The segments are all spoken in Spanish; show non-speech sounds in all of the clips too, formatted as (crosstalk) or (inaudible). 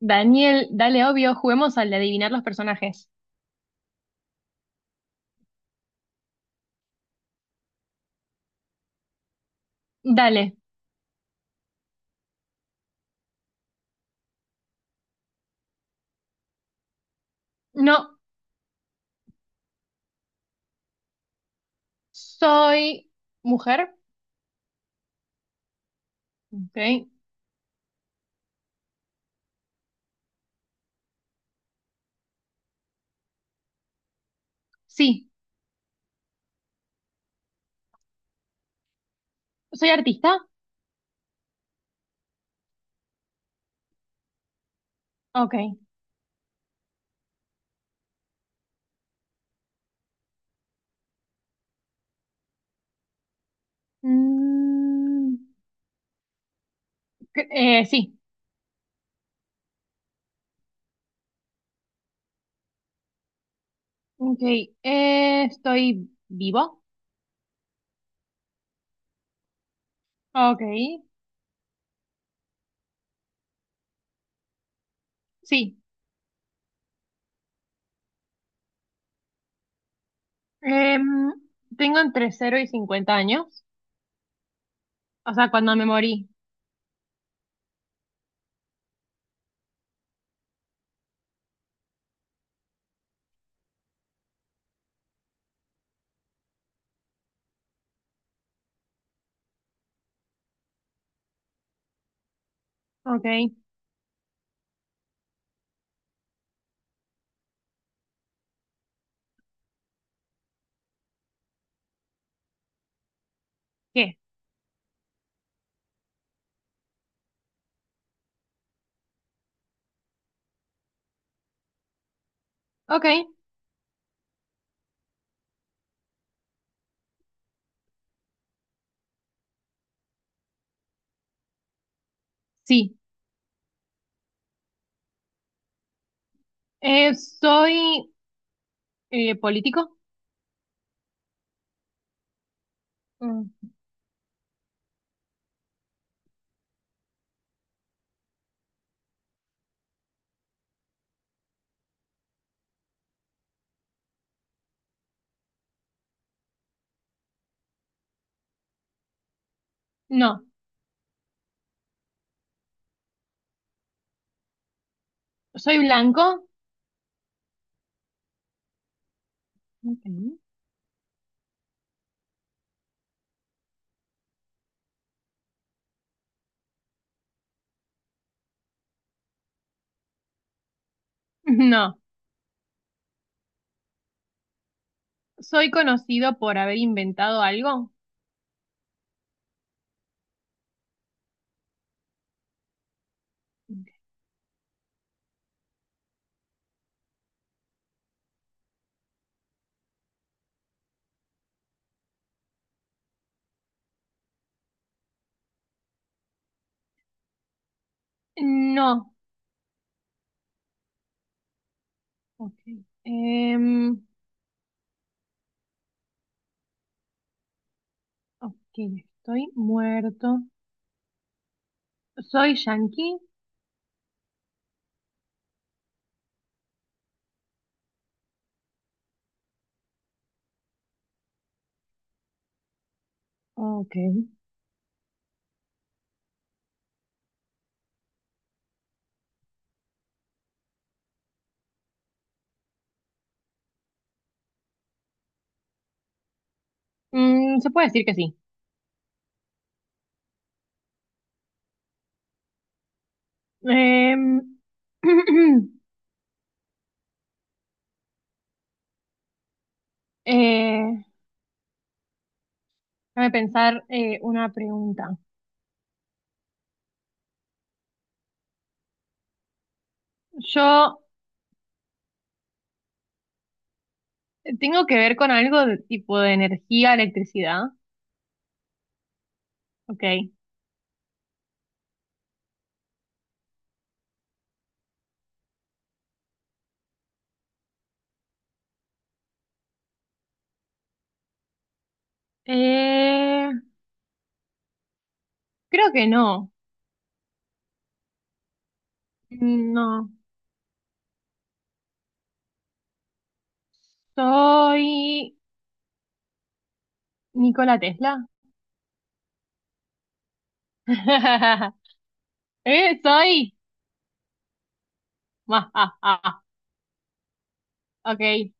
Daniel, dale, obvio, juguemos al de adivinar los personajes. Dale. No, soy mujer. Ok. Sí. ¿Soy artista? Ok. Mm, sí. Ok. ¿Estoy vivo? Ok. Sí. Em, Tengo entre cero y 50 años. O sea, cuando me morí. Ok. ¿Qué? Ok. Sí. ¿Soy político? Mm, No. ¿Soy blanco? Ok. No. ¿Soy conocido por haber inventado algo? No. Ok. Em, ok, estoy muerto. ¿Soy yankee? Ok. Se puede decir que sí. Em, (clears throat) eh, déjame pensar una pregunta. Yo tengo que ver con algo de tipo de energía, electricidad. Ok. Eh, Creo que no. No. ¿Soy Nikola Tesla? (laughs) Soy. Ma, ah, ah, ah. ok.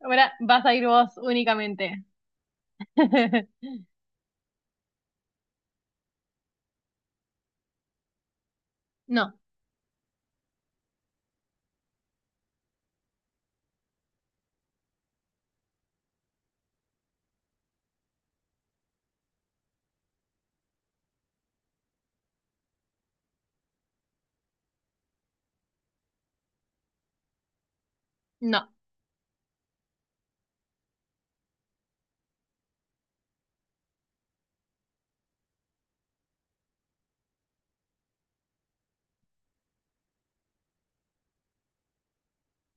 Ahora vas a ir vos únicamente. (laughs) No, no.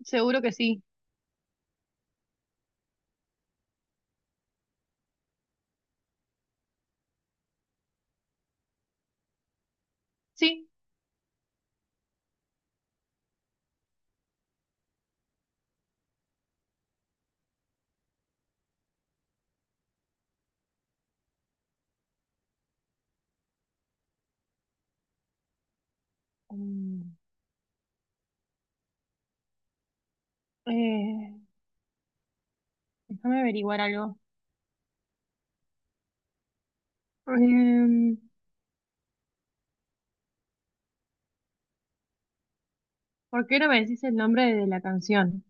Seguro que sí. Sí. Mm, eh, Déjame averiguar algo. Em, ¿Por qué no me decís el nombre de la canción?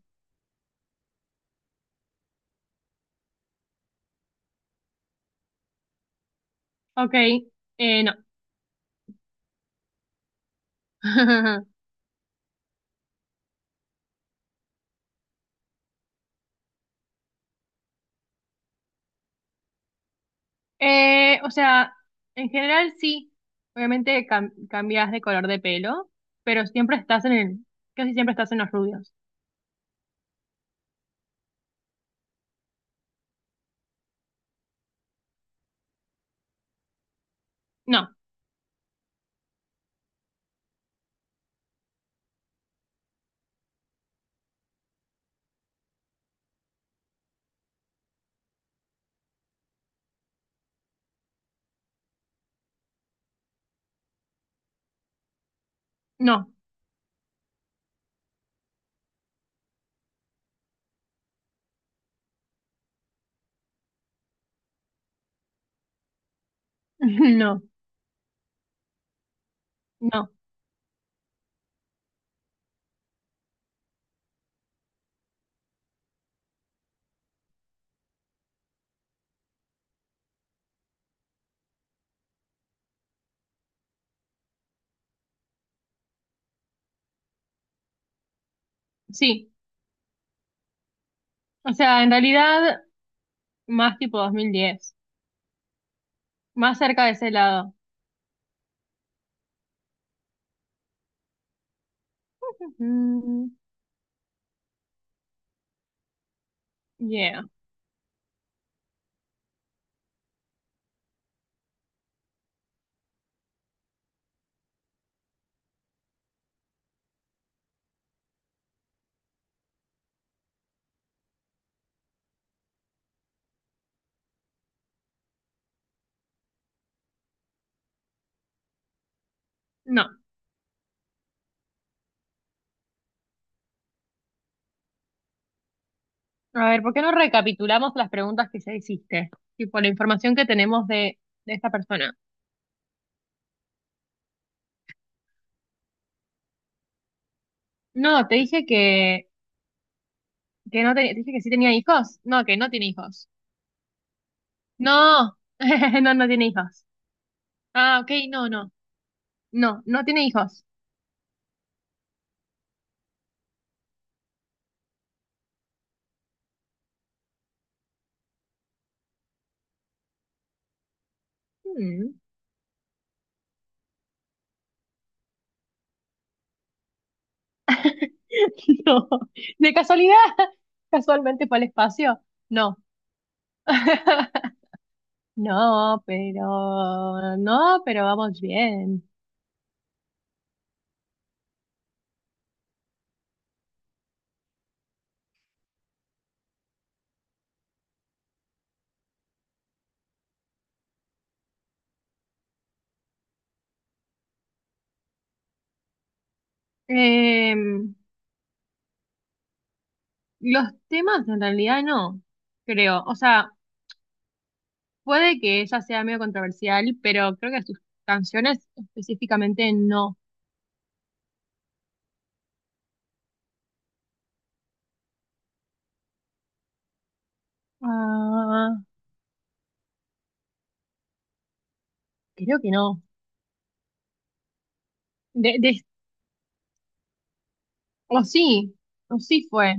Ok. No. (laughs) O sea, en general sí. Obviamente cam- cambias de color de pelo, pero siempre estás en el, casi siempre estás en los rubios. No, no, (laughs) no. No, sí, o sea, en realidad más tipo 2010, más cerca de ese lado. Mm, yeah, no. A ver, ¿por qué no recapitulamos las preguntas que ya hiciste? Tipo, la información que tenemos de esta persona. No, te dije que no tenía, te dije que sí tenía hijos. No, que no tiene hijos. No, (laughs) no, no tiene hijos. Ah, ok, no, no. No, no tiene hijos. Mm. (laughs) No, de casualidad, casualmente fue al espacio. No. (laughs) No, pero no, pero vamos bien. Em, los temas en realidad no, creo. O sea, puede que ella sea medio controversial, pero creo que sus canciones específicamente no. Ah, creo que no. De, de- o sí, o sí fue.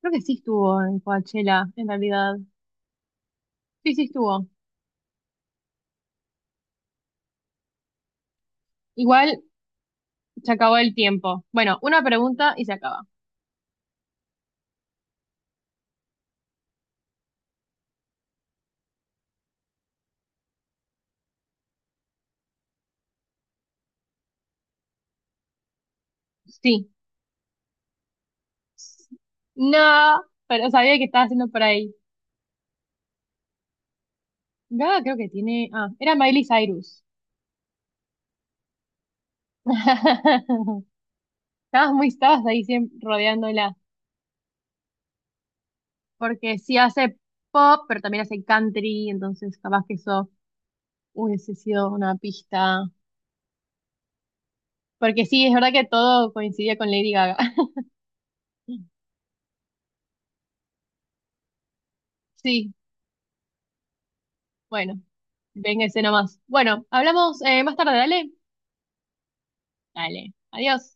Creo que sí estuvo en Coachella, en realidad. Sí, sí estuvo. Igual se acabó el tiempo. Bueno, una pregunta y se acaba. Sí. No, pero sabía que estaba haciendo por ahí. Gaga creo que tiene. Ah, era Miley Cyrus. (laughs) Estabas ahí siempre rodeándola. Porque sí hace pop, pero también hace country, entonces capaz que eso hubiese sido una pista. Porque sí, es verdad que todo coincidía con Lady Gaga. (laughs) Sí, bueno, véngase nomás. Bueno, hablamos más tarde, dale. Dale, adiós.